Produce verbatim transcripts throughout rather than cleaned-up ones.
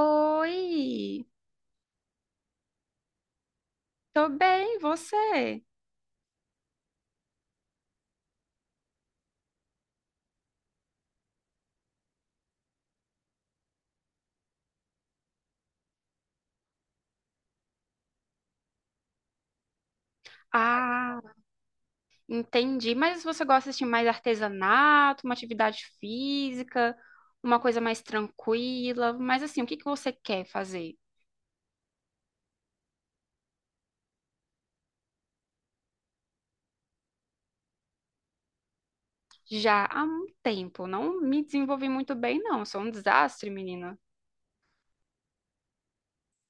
Oi, tô bem, você? Ah, entendi. Mas você gosta de mais artesanato, uma atividade física, uma coisa mais tranquila? Mas assim, o que que você quer fazer? Já há um tempo, não me desenvolvi muito bem, não. Sou um desastre, menina.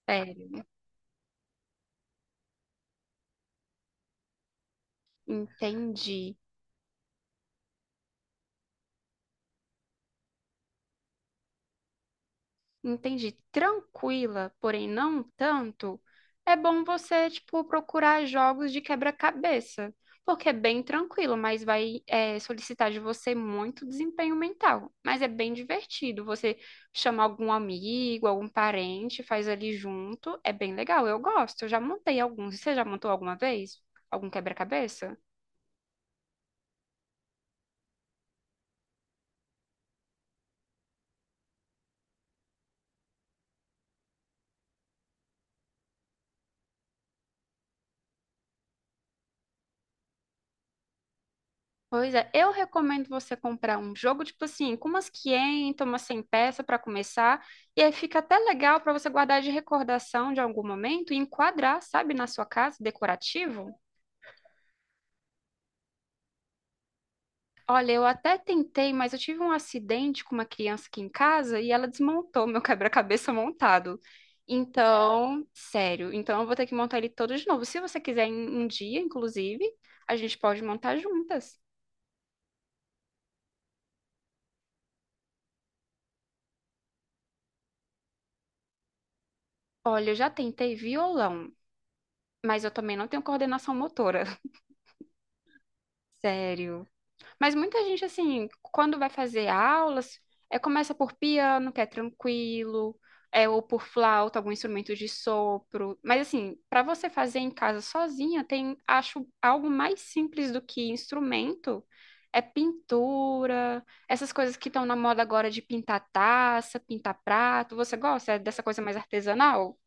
Sério, entendi. Entendi, tranquila, porém não tanto, é bom você, tipo, procurar jogos de quebra-cabeça, porque é bem tranquilo, mas vai, é, solicitar de você muito desempenho mental. Mas é bem divertido, você chama algum amigo, algum parente, faz ali junto, é bem legal, eu gosto, eu já montei alguns. Você já montou alguma vez? Algum quebra-cabeça? Pois é, eu recomendo você comprar um jogo, tipo assim, com umas quinhentas, umas cem peças para começar, e aí fica até legal para você guardar de recordação de algum momento e enquadrar, sabe, na sua casa, decorativo. Olha, eu até tentei, mas eu tive um acidente com uma criança aqui em casa e ela desmontou meu quebra-cabeça montado. Então, sério, então eu vou ter que montar ele todo de novo. Se você quiser em um dia, inclusive, a gente pode montar juntas. Olha, eu já tentei violão, mas eu também não tenho coordenação motora. Sério. Mas muita gente, assim, quando vai fazer aulas, é, começa por piano, que é tranquilo, é, ou por flauta, algum instrumento de sopro. Mas, assim, para você fazer em casa sozinha, tem, acho, algo mais simples do que instrumento. É pintura, essas coisas que estão na moda agora de pintar taça, pintar prato. Você gosta dessa coisa mais artesanal?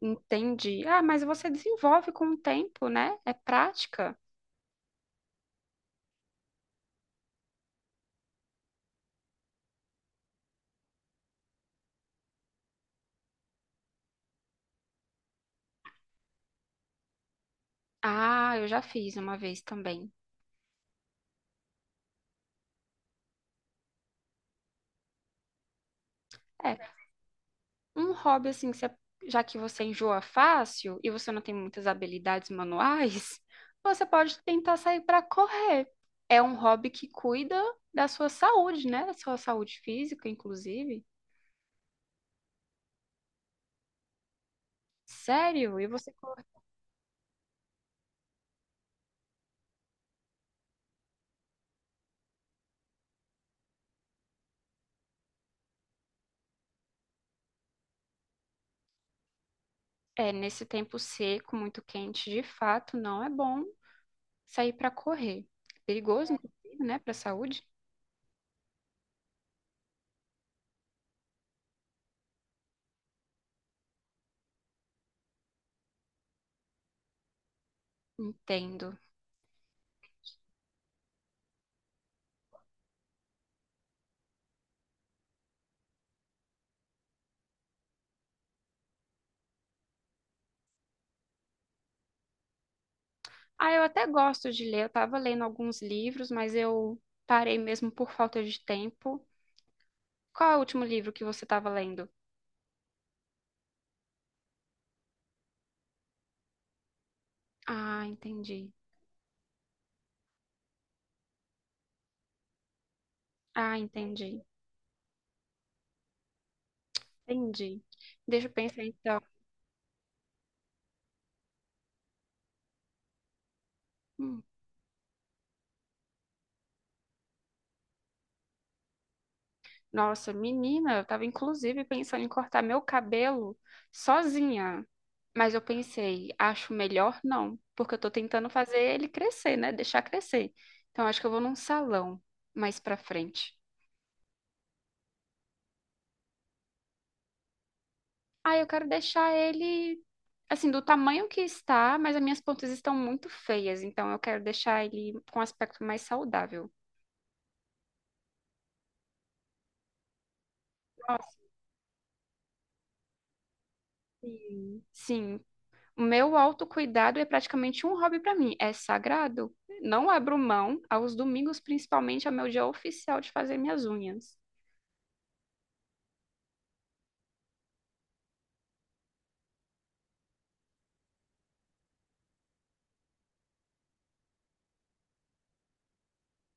Entendi. Ah, mas você desenvolve com o tempo, né? É prática. Ah, eu já fiz uma vez também. É, um hobby assim, que você- já que você enjoa fácil e você não tem muitas habilidades manuais, você pode tentar sair para correr. É um hobby que cuida da sua saúde, né? Da sua saúde física, inclusive. Sério? E você cor- é nesse tempo seco, muito quente, de fato, não é bom sair para correr. Perigoso, inclusive, né, para a saúde? Entendo. Ah, eu até gosto de ler. Eu tava lendo alguns livros, mas eu parei mesmo por falta de tempo. Qual é o último livro que você estava lendo? Ah, entendi. Ah, entendi. Entendi. Deixa eu pensar então. Hum. Nossa, menina, eu tava inclusive pensando em cortar meu cabelo sozinha. Mas eu pensei, acho melhor não, porque eu tô tentando fazer ele crescer, né? Deixar crescer. Então acho que eu vou num salão mais pra frente. Ah, eu quero deixar ele assim, do tamanho que está, mas as minhas pontas estão muito feias, então eu quero deixar ele com um aspecto mais saudável. Nossa, sim. Sim, o meu autocuidado é praticamente um hobby para mim, é sagrado. Não abro mão, aos domingos principalmente, é o meu dia oficial de fazer minhas unhas.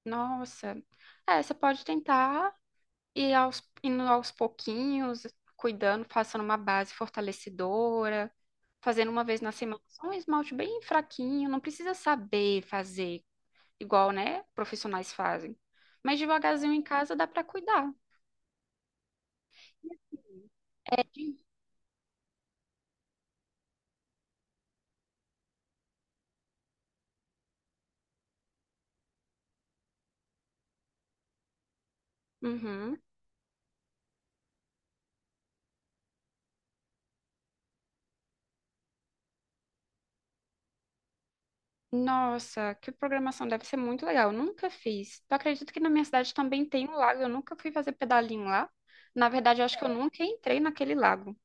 Nossa, é, você pode tentar ir aos, indo aos pouquinhos, cuidando, passando uma base fortalecedora, fazendo uma vez na semana, só um esmalte bem fraquinho, não precisa saber fazer. igual, né, profissionais fazem. Mas devagarzinho em casa dá para cuidar. Uhum. Nossa, que programação deve ser muito legal. Eu nunca fiz. Eu acredito que na minha cidade também tem um lago. Eu nunca fui fazer pedalinho lá. Na verdade, eu acho que eu nunca entrei naquele lago.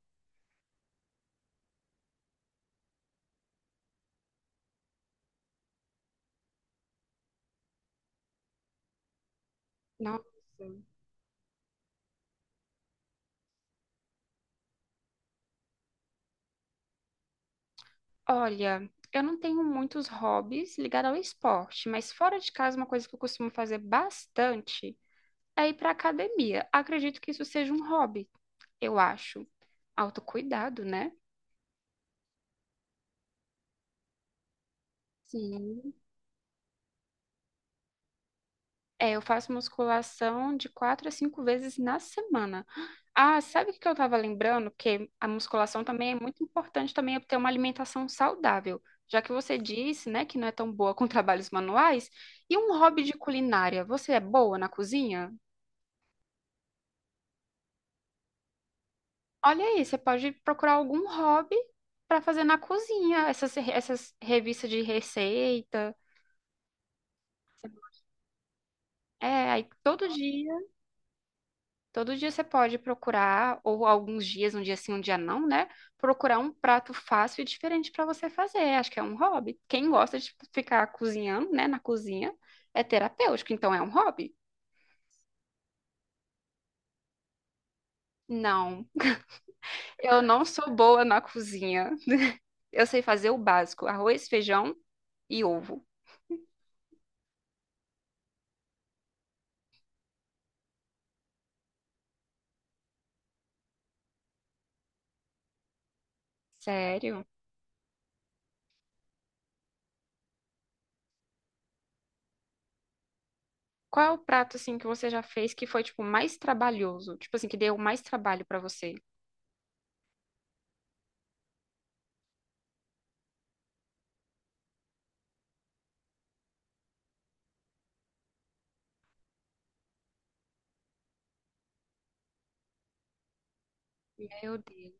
Nossa. Olha, eu não tenho muitos hobbies ligados ao esporte, mas fora de casa, uma coisa que eu costumo fazer bastante é ir para academia. Acredito que isso seja um hobby, eu acho. Autocuidado, né? Sim. É, eu faço musculação de quatro a cinco vezes na semana. Ah, sabe o que eu estava lembrando? Que a musculação também é muito importante também é ter uma alimentação saudável. Já que você disse, né, que não é tão boa com trabalhos manuais, e um hobby de culinária, você é boa na cozinha? Olha aí, você pode procurar algum hobby para fazer na cozinha, essas, essas revistas de receita. É, aí todo dia. Todo dia você pode procurar, ou alguns dias, um dia sim, um dia não, né? Procurar um prato fácil e diferente para você fazer. Acho que é um hobby. Quem gosta de ficar cozinhando, né, na cozinha, é terapêutico, então é um hobby. Não, eu não sou boa na cozinha. Eu sei fazer o básico, arroz, feijão e ovo. Sério? Qual é o prato assim que você já fez que foi tipo mais trabalhoso? Tipo assim, que deu mais trabalho para você? Meu Deus.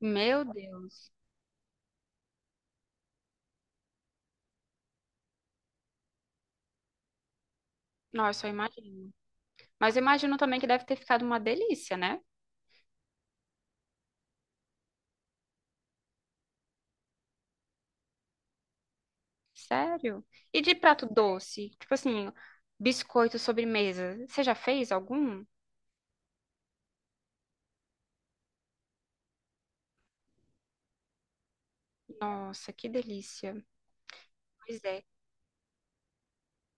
Meu Deus. Nossa, eu imagino. Mas eu imagino também que deve ter ficado uma delícia, né? Sério. E de prato doce? Tipo assim, biscoito sobremesa. Você já fez algum? Nossa, que delícia. Pois é.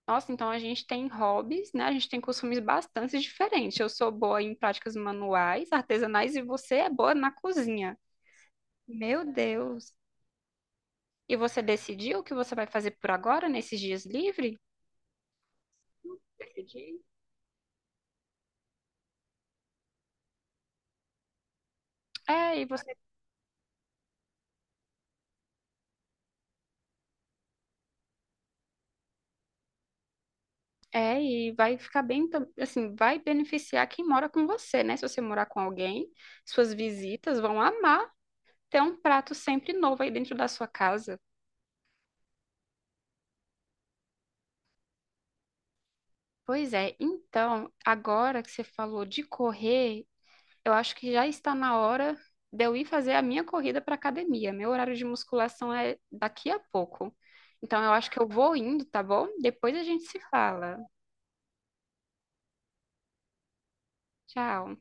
Nossa, então a gente tem hobbies, né? A gente tem costumes bastante diferentes. Eu sou boa em práticas manuais, artesanais, e você é boa na cozinha. Meu Deus. E você decidiu o que você vai fazer por agora, nesses dias livres? Decidi. É, e você É, e vai ficar bem, tam- assim, vai beneficiar quem mora com você, né? Se você morar com alguém, suas visitas vão amar ter um prato sempre novo aí dentro da sua casa. Pois é, então, agora que você falou de correr, eu acho que já está na hora de eu ir fazer a minha corrida para academia. Meu horário de musculação é daqui a pouco. Então, eu acho que eu vou indo, tá bom? Depois a gente se fala. Tchau.